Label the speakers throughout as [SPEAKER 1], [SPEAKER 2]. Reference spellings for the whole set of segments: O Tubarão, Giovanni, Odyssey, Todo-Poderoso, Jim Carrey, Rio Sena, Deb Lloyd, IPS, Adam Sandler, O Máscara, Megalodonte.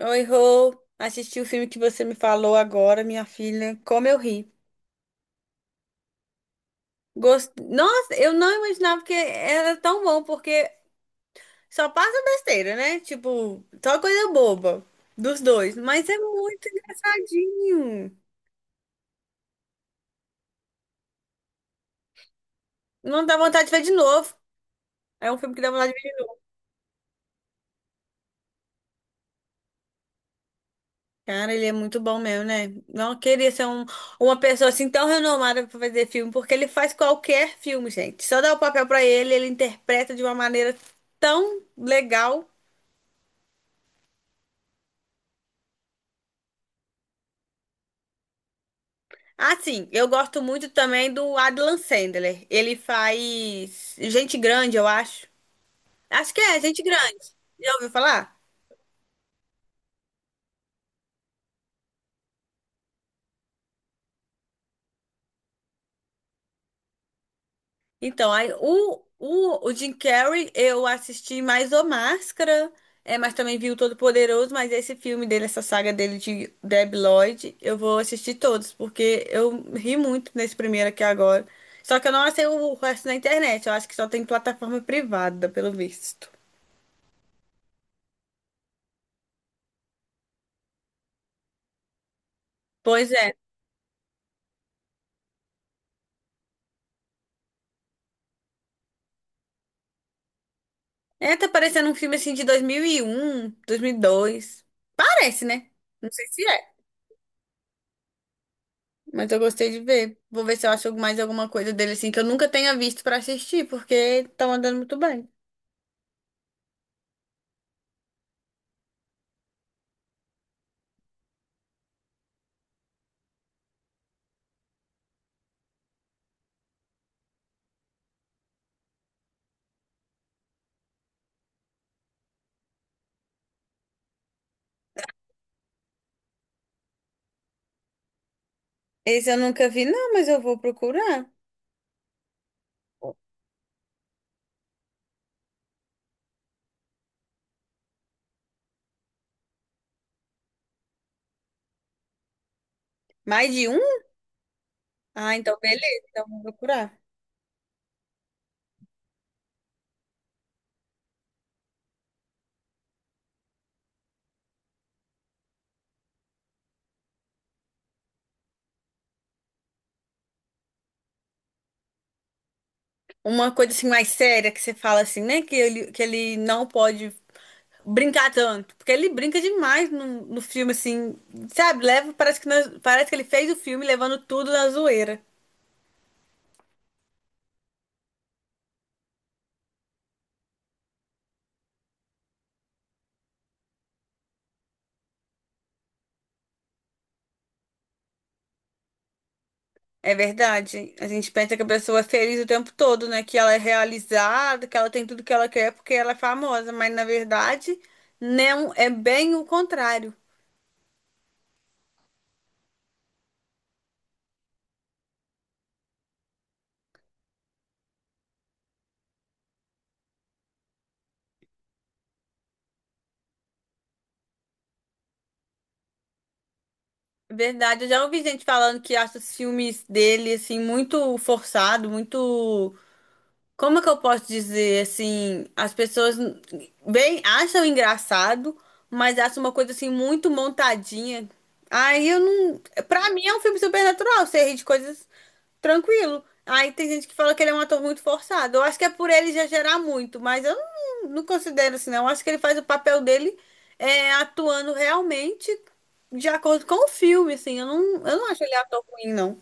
[SPEAKER 1] Oi, Rô. Assisti o filme que você me falou agora, minha filha. Como eu ri. Nossa, eu não imaginava que era tão bom, porque só passa besteira, né? Tipo, só coisa boba dos dois. Mas é muito engraçadinho. Não dá vontade de ver de novo. É um filme que dá vontade de ver. Cara, ele é muito bom mesmo, né? Não queria ser uma pessoa assim tão renomada pra fazer filme, porque ele faz qualquer filme, gente. Só dá o papel pra ele, ele interpreta de uma maneira tão legal. Ah, sim, eu gosto muito também do Adam Sandler. Ele faz Gente Grande, eu acho. Acho que é Gente Grande. Já ouviu falar? Então, aí, o Jim Carrey, eu assisti mais O Máscara, é, mas também vi o Todo-Poderoso, mas esse filme dele, essa saga dele de Deb Lloyd, eu vou assistir todos, porque eu ri muito nesse primeiro aqui agora. Só que eu não achei o resto na internet, eu acho que só tem plataforma privada, pelo visto. Pois é. É, tá parecendo um filme assim de dois mil e um, dois mil e dois. Parece, né? Não sei se é, mas eu gostei de ver. Vou ver se eu acho mais alguma coisa dele assim que eu nunca tenha visto pra assistir, porque tá andando muito bem. Esse eu nunca vi, não, mas eu vou procurar. Mais de um? Ah, então beleza, então vou procurar. Uma coisa assim mais séria que você fala assim, né? Que ele não pode brincar tanto, porque ele brinca demais no filme assim, sabe? Leva, parece que parece que ele fez o filme levando tudo na zoeira. É verdade. A gente pensa que a pessoa é feliz o tempo todo, né? Que ela é realizada, que ela tem tudo que ela quer porque ela é famosa. Mas na verdade, não é bem o contrário. É verdade. Eu já ouvi gente falando que acha os filmes dele, assim, muito forçado, muito. Como é que eu posso dizer assim? As pessoas bem acham engraçado, mas acham uma coisa assim muito montadinha. Aí eu não. Pra mim é um filme supernatural, você ri de coisas tranquilo. Aí tem gente que fala que ele é um ator muito forçado. Eu acho que é por ele já gerar muito, mas eu não considero assim, não. Eu acho que ele faz o papel dele é, atuando realmente de acordo com o filme, assim. Eu não acho ele ator ruim, não.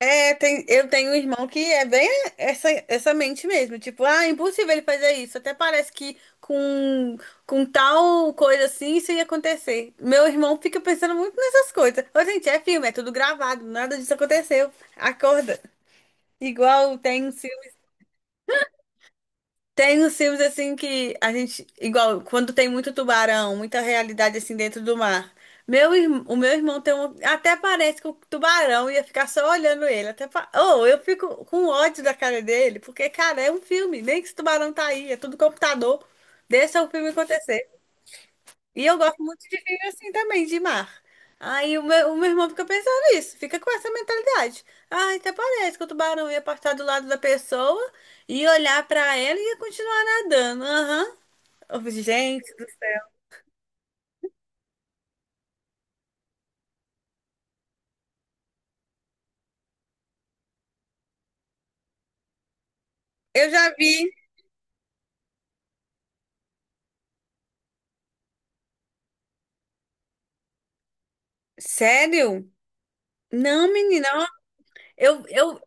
[SPEAKER 1] É, tem, eu tenho um irmão que é bem essa mente mesmo. Tipo, ah, é impossível ele fazer isso. Até parece que com tal coisa assim isso ia acontecer. Meu irmão fica pensando muito nessas coisas. Ô, gente, é filme, é tudo gravado, nada disso aconteceu. Acorda. Igual tem os filmes assim que a gente, igual, quando tem muito tubarão, muita realidade assim dentro do mar. O meu irmão tem um, até parece que o tubarão ia ficar só olhando ele. Oh, eu fico com ódio da cara dele, porque, cara, é um filme, nem que esse tubarão tá aí, é tudo computador. Deixa o filme acontecer. E eu gosto muito de filme assim também, de mar. Aí o meu irmão fica pensando nisso, fica com essa mentalidade. Ah, até parece que o tubarão ia passar do lado da pessoa e olhar pra ela e ia continuar nadando. Aham. Eu falei, gente, eu já vi. Sério? Não, menina. Ó, eu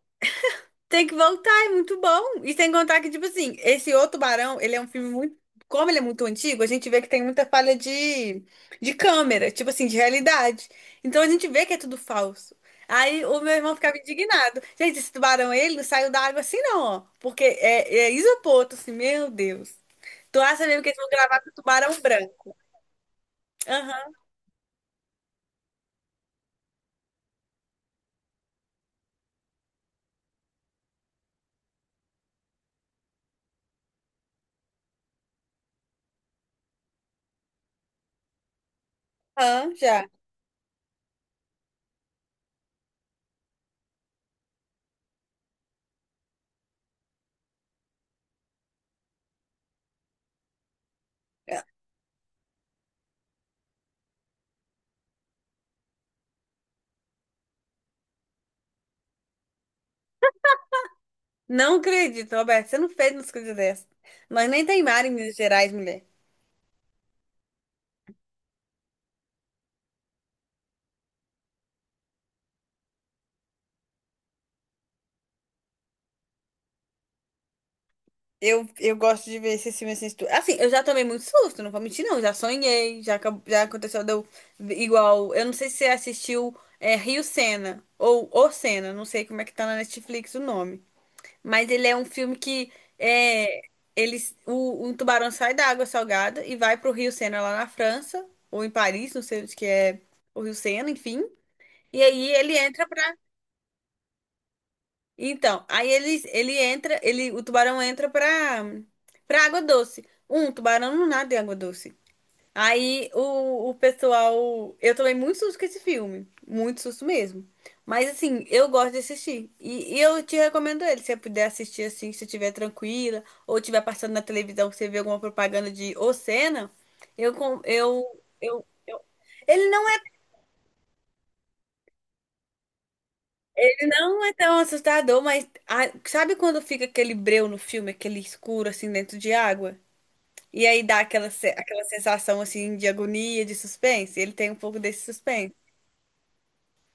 [SPEAKER 1] tem que voltar, é muito bom. E sem contar que, tipo assim, esse O Tubarão, ele é um filme muito. Como ele é muito antigo, a gente vê que tem muita falha de câmera, tipo assim, de realidade. Então a gente vê que é tudo falso. Aí o meu irmão ficava indignado. Gente, esse tubarão, ele não saiu da água assim, não, ó. Porque é isopor, tô assim, meu Deus. Tu acha mesmo que eles vão gravar com o tubarão branco? Aham, aham, já. Não acredito, Roberto, você não fez uma coisa dessa. Nós nem tem mar em Minas Gerais, mulher. Eu gosto de ver esses filmes assim. Assim, eu já tomei muito susto, não vou mentir, não. Já sonhei, já, já aconteceu deu, igual. Eu não sei se você assistiu é, Rio Sena ou O Sena, não sei como é que tá na Netflix o nome. Mas ele é um filme que é, um tubarão sai da água salgada e vai pro Rio Sena lá na França, ou em Paris, não sei onde que é o Rio Sena, enfim. E aí ele entra pra. Então, aí ele entra, ele, o tubarão entra pra água doce. Um, tubarão não nada em água doce. Aí o pessoal. Eu tomei muito susto com esse filme. Muito susto mesmo. Mas assim, eu gosto de assistir. E eu te recomendo ele. Se você puder assistir assim, se estiver tranquila, ou estiver passando na televisão, você vê alguma propaganda de ô eu, com- eu, eu. Ele não não é tão assustador, mas ah, sabe quando fica aquele breu no filme, aquele escuro assim dentro de água? E aí dá aquela, aquela sensação assim de agonia, de suspense. Ele tem um pouco desse suspense.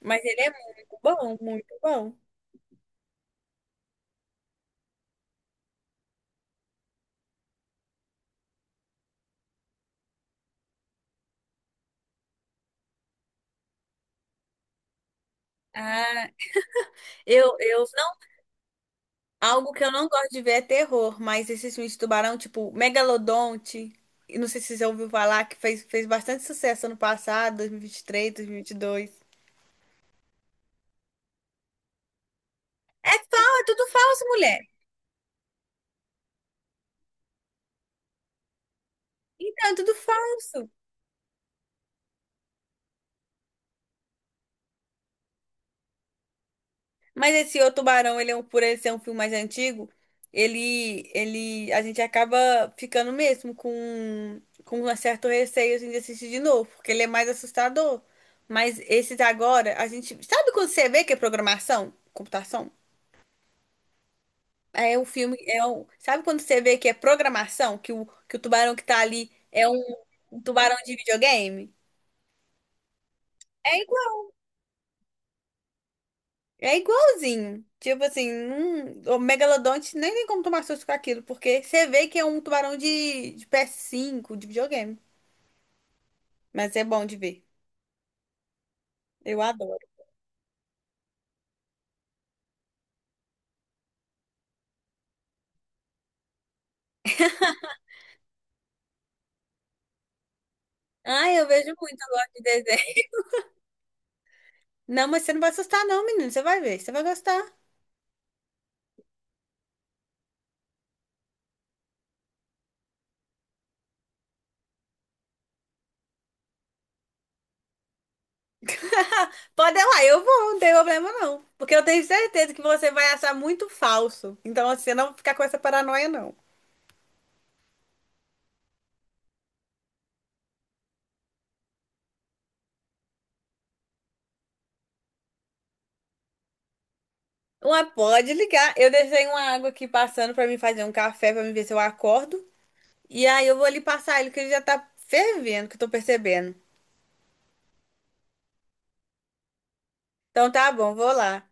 [SPEAKER 1] Mas ele é muito bom, muito bom. Ah, eu não. Algo que eu não gosto de ver é terror, mas esses filmes de tubarão, tipo Megalodonte, e não sei se você já ouviu falar, que fez bastante sucesso ano passado, 2023, 2022. É falso, é tudo falso, mulher. Então, é tudo falso. Mas esse O Tubarão, ele é um, por ele ser um filme mais antigo, a gente acaba ficando mesmo com um certo receio assim, de assistir de novo, porque ele é mais assustador. Mas esses agora, a gente. Sabe quando você vê que é programação? Computação? É um filme. É um, sabe quando você vê que é programação? Que o tubarão que tá ali é um, um tubarão de videogame? É é igualzinho. Tipo assim, o megalodonte nem tem como tomar susto com aquilo, porque você vê que é um tubarão de PS5, de videogame. Mas é bom de ver. Eu adoro. Ah, eu vejo muito, eu gosto de desenho. Não, mas você não vai assustar, não, menino. Você vai ver, você vai gostar. Pode ir lá, eu vou, não tem problema, não. Porque eu tenho certeza que você vai achar muito falso. Então, assim, você não vou ficar com essa paranoia, não. Uma, pode ligar. Eu deixei uma água aqui passando pra me fazer um café, pra me ver se eu acordo. E aí eu vou ali passar ele, que ele já tá fervendo, que eu tô percebendo. Então tá bom, vou lá.